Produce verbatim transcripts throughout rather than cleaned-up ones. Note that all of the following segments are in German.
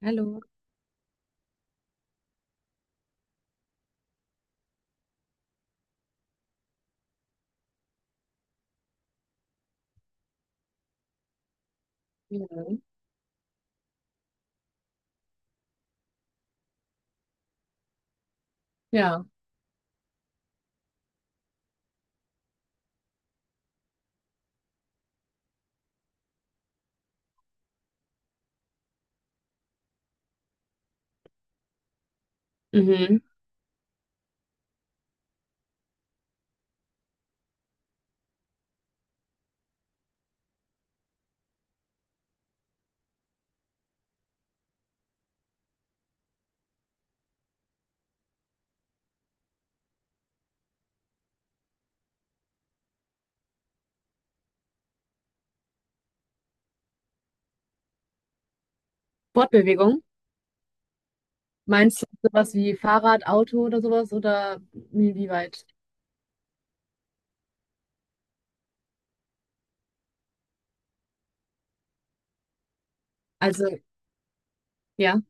Hallo. Ja. Ja. Mhm. Fortbewegung. Meinst du sowas wie Fahrrad, Auto oder sowas? Oder inwieweit? Also, ja.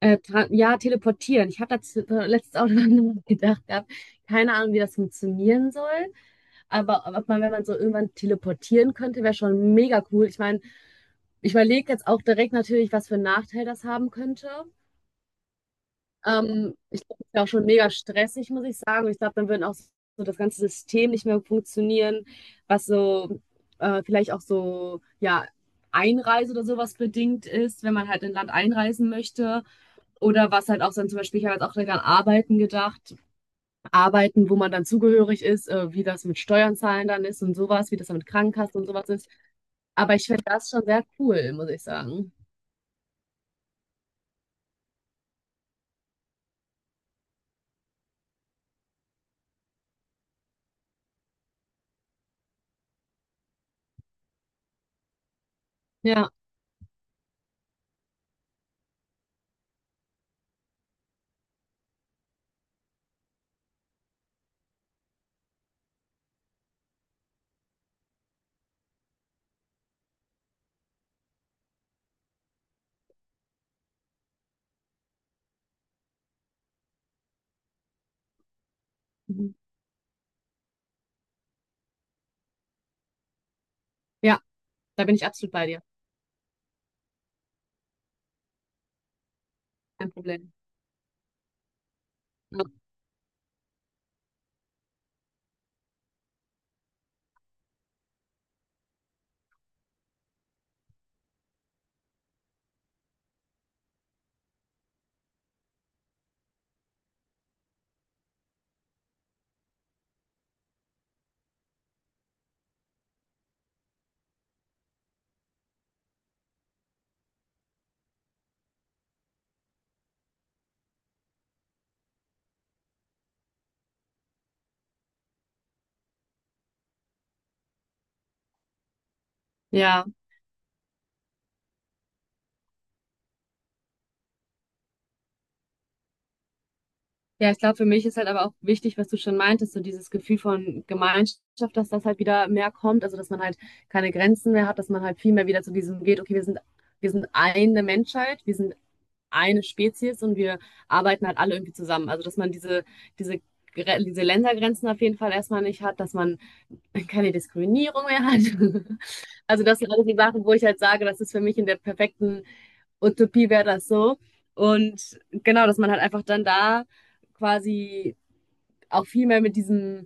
Äh, tra- ja, teleportieren. Ich habe dazu äh, letztes auch noch gedacht gehabt. Keine Ahnung, wie das funktionieren soll. Aber ob man, wenn man so irgendwann teleportieren könnte, wäre schon mega cool. Ich meine, ich überlege jetzt auch direkt natürlich, was für einen Nachteil das haben könnte. Ähm, ich glaube, das ist ja auch schon mega stressig, muss ich sagen. Und ich glaube, dann würde auch so das ganze System nicht mehr funktionieren, was so äh, vielleicht auch so, ja, Einreise oder sowas bedingt ist, wenn man halt in ein Land einreisen möchte. Oder was halt auch dann zum Beispiel, ich habe jetzt auch direkt an Arbeiten gedacht, Arbeiten, wo man dann zugehörig ist, äh, wie das mit Steuern zahlen dann ist und sowas, wie das dann mit Krankenkasse und sowas ist. Aber ich finde das schon sehr cool, muss ich sagen. Ja, mhm. Ja, da bin ich absolut bei dir. Kein Problem. Ja. Ja, ich glaube, für mich ist halt aber auch wichtig, was du schon meintest, so dieses Gefühl von Gemeinschaft, dass das halt wieder mehr kommt, also dass man halt keine Grenzen mehr hat, dass man halt viel mehr wieder zu diesem geht, okay, wir sind, wir sind eine Menschheit, wir sind eine Spezies und wir arbeiten halt alle irgendwie zusammen. Also dass man diese, diese, Gre- diese Ländergrenzen auf jeden Fall erstmal nicht hat, dass man keine Diskriminierung mehr hat. Also das sind alles die Sachen, wo ich halt sage, das ist für mich in der perfekten Utopie wäre das so. Und genau, dass man halt einfach dann da quasi auch viel mehr mit diesem,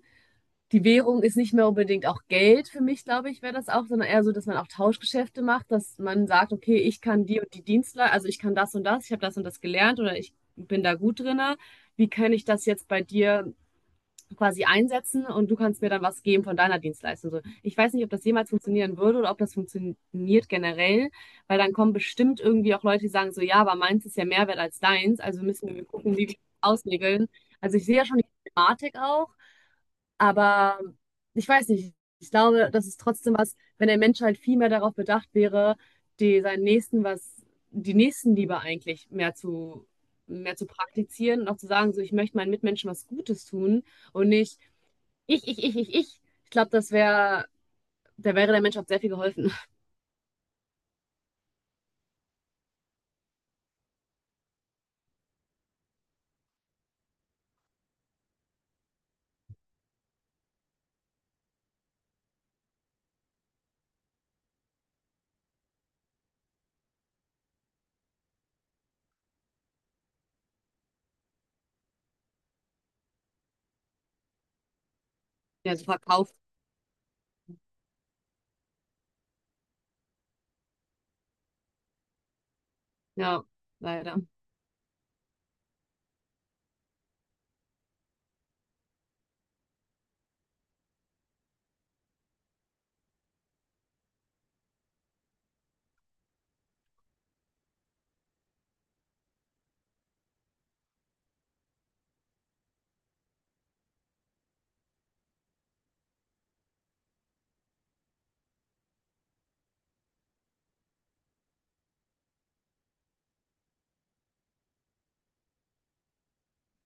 die Währung ist nicht mehr unbedingt auch Geld für mich, glaube ich, wäre das auch, sondern eher so, dass man auch Tauschgeschäfte macht, dass man sagt, okay, ich kann die und die Dienstleistung, also ich kann das und das, ich habe das und das gelernt oder ich bin da gut drinne. Wie kann ich das jetzt bei dir quasi einsetzen und du kannst mir dann was geben von deiner Dienstleistung. So, ich weiß nicht, ob das jemals funktionieren würde oder ob das funktioniert generell, weil dann kommen bestimmt irgendwie auch Leute, die sagen so, ja, aber meins ist ja mehr wert als deins, also müssen wir gucken, wie wir das ausregeln. Also ich sehe ja schon die Thematik auch, aber ich weiß nicht, ich glaube, das ist trotzdem was, wenn der Mensch halt viel mehr darauf bedacht wäre, die seinen Nächsten was, die Nächstenliebe eigentlich mehr zu, mehr zu praktizieren und auch zu sagen, so ich möchte meinen Mitmenschen was Gutes tun und nicht ich, ich, ich, ich, ich. Ich glaube, das wäre, da wäre der Menschheit sehr viel geholfen. Ja, so verkauft. Ja, leider.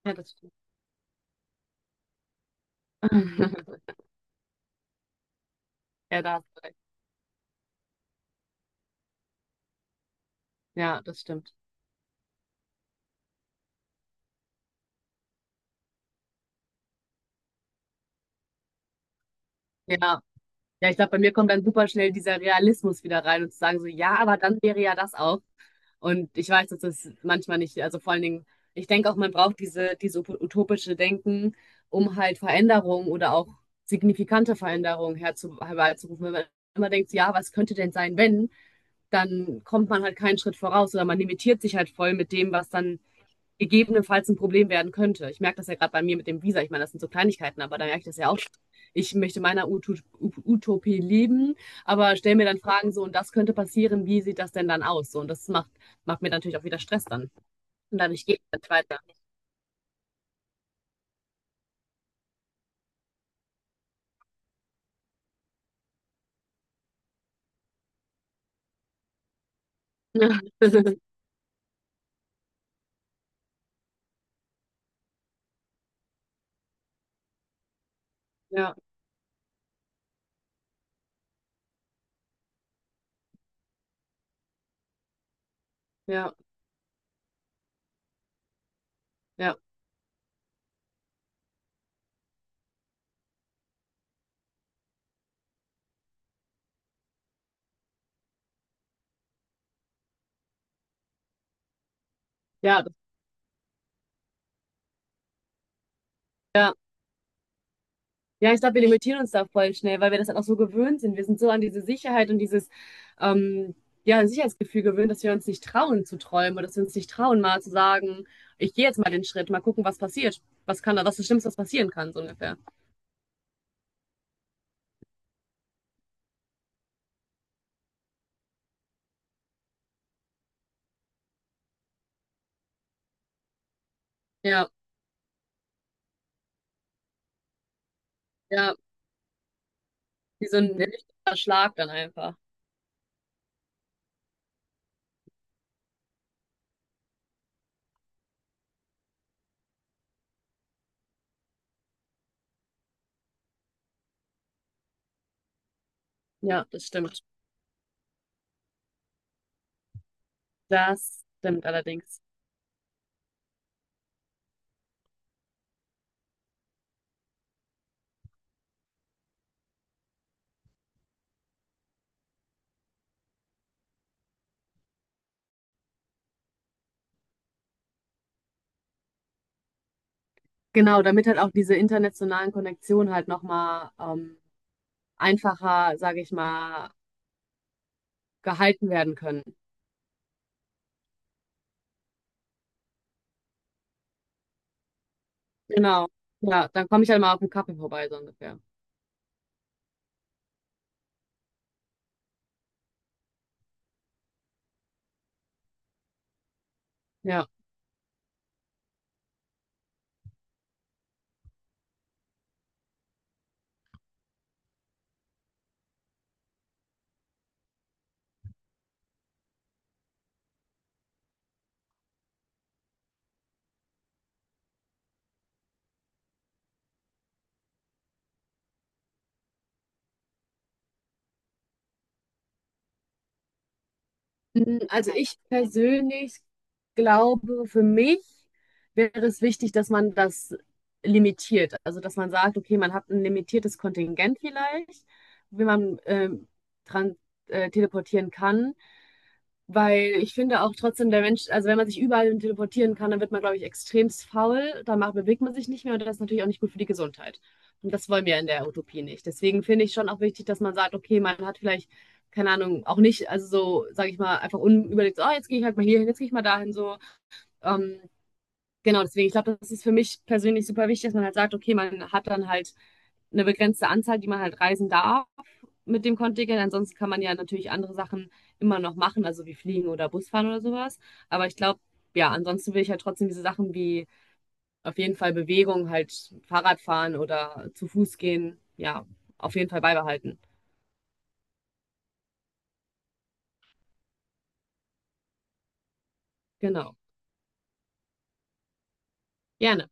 Ja, das stimmt. Ja, da hast du recht. Ja, das stimmt. Ja. Ja, ich glaube, bei mir kommt dann super schnell dieser Realismus wieder rein und zu sagen so, ja, aber dann wäre ja das auch. Und ich weiß, dass das manchmal nicht, also vor allen Dingen, ich denke auch, man braucht diese, diese utopische Denken, um halt Veränderungen oder auch signifikante Veränderungen herzu, herbeizurufen. Wenn man immer denkt, so, ja, was könnte denn sein, wenn, dann kommt man halt keinen Schritt voraus oder man limitiert sich halt voll mit dem, was dann gegebenenfalls ein Problem werden könnte. Ich merke das ja gerade bei mir mit dem Visa. Ich meine, das sind so Kleinigkeiten, aber da merke ich das ja auch schon. Ich möchte meiner Ut- Utopie leben, aber stelle mir dann Fragen so, und das könnte passieren, wie sieht das denn dann aus? So, und das macht, macht mir natürlich auch wieder Stress dann. Und dadurch geht es dann weiter. Ja, ja, ja, ja, das, ja. Ja, ich glaube, wir limitieren uns da voll schnell, weil wir das halt auch so gewöhnt sind. Wir sind so an diese Sicherheit und dieses ähm, ja, Sicherheitsgefühl gewöhnt, dass wir uns nicht trauen zu träumen oder dass wir uns nicht trauen, mal zu sagen, ich gehe jetzt mal den Schritt, mal gucken, was passiert. Was kann da, was ist das Schlimmste, was passieren kann, so ungefähr. Ja, ja, wie so ein richtiger Schlag dann einfach. Ja, das stimmt. Das stimmt allerdings. Genau, damit halt auch diese internationalen Konnektionen halt nochmal ähm, einfacher, sage ich mal, gehalten werden können. Genau. Ja, dann komme ich halt mal auf einen Kaffee vorbei, so ungefähr. Ja. Mm, also ich persönlich glaube, für mich wäre es wichtig, dass man das limitiert. Also dass man sagt, okay, man hat ein limitiertes Kontingent vielleicht, wie man ähm, dran äh, teleportieren kann. Weil ich finde auch trotzdem, der Mensch, also wenn man sich überall hin teleportieren kann, dann wird man, glaube ich, extremst faul, dann macht, bewegt man sich nicht mehr und das ist natürlich auch nicht gut für die Gesundheit. Und das wollen wir in der Utopie nicht. Deswegen finde ich schon auch wichtig, dass man sagt, okay, man hat vielleicht, keine Ahnung, auch nicht, also so, sage ich mal, einfach unüberlegt, so, oh, jetzt gehe ich halt mal hierhin, jetzt gehe ich mal dahin, so. Ähm, genau, deswegen, ich glaube, das ist für mich persönlich super wichtig, dass man halt sagt, okay, man hat dann halt eine begrenzte Anzahl, die man halt reisen darf mit dem Kontingent. Ansonsten kann man ja natürlich andere Sachen immer noch machen, also wie fliegen oder Busfahren oder sowas. Aber ich glaube, ja, ansonsten will ich halt trotzdem diese Sachen wie auf jeden Fall Bewegung, halt Fahrradfahren oder zu Fuß gehen, ja, auf jeden Fall beibehalten. Genau. Gerne.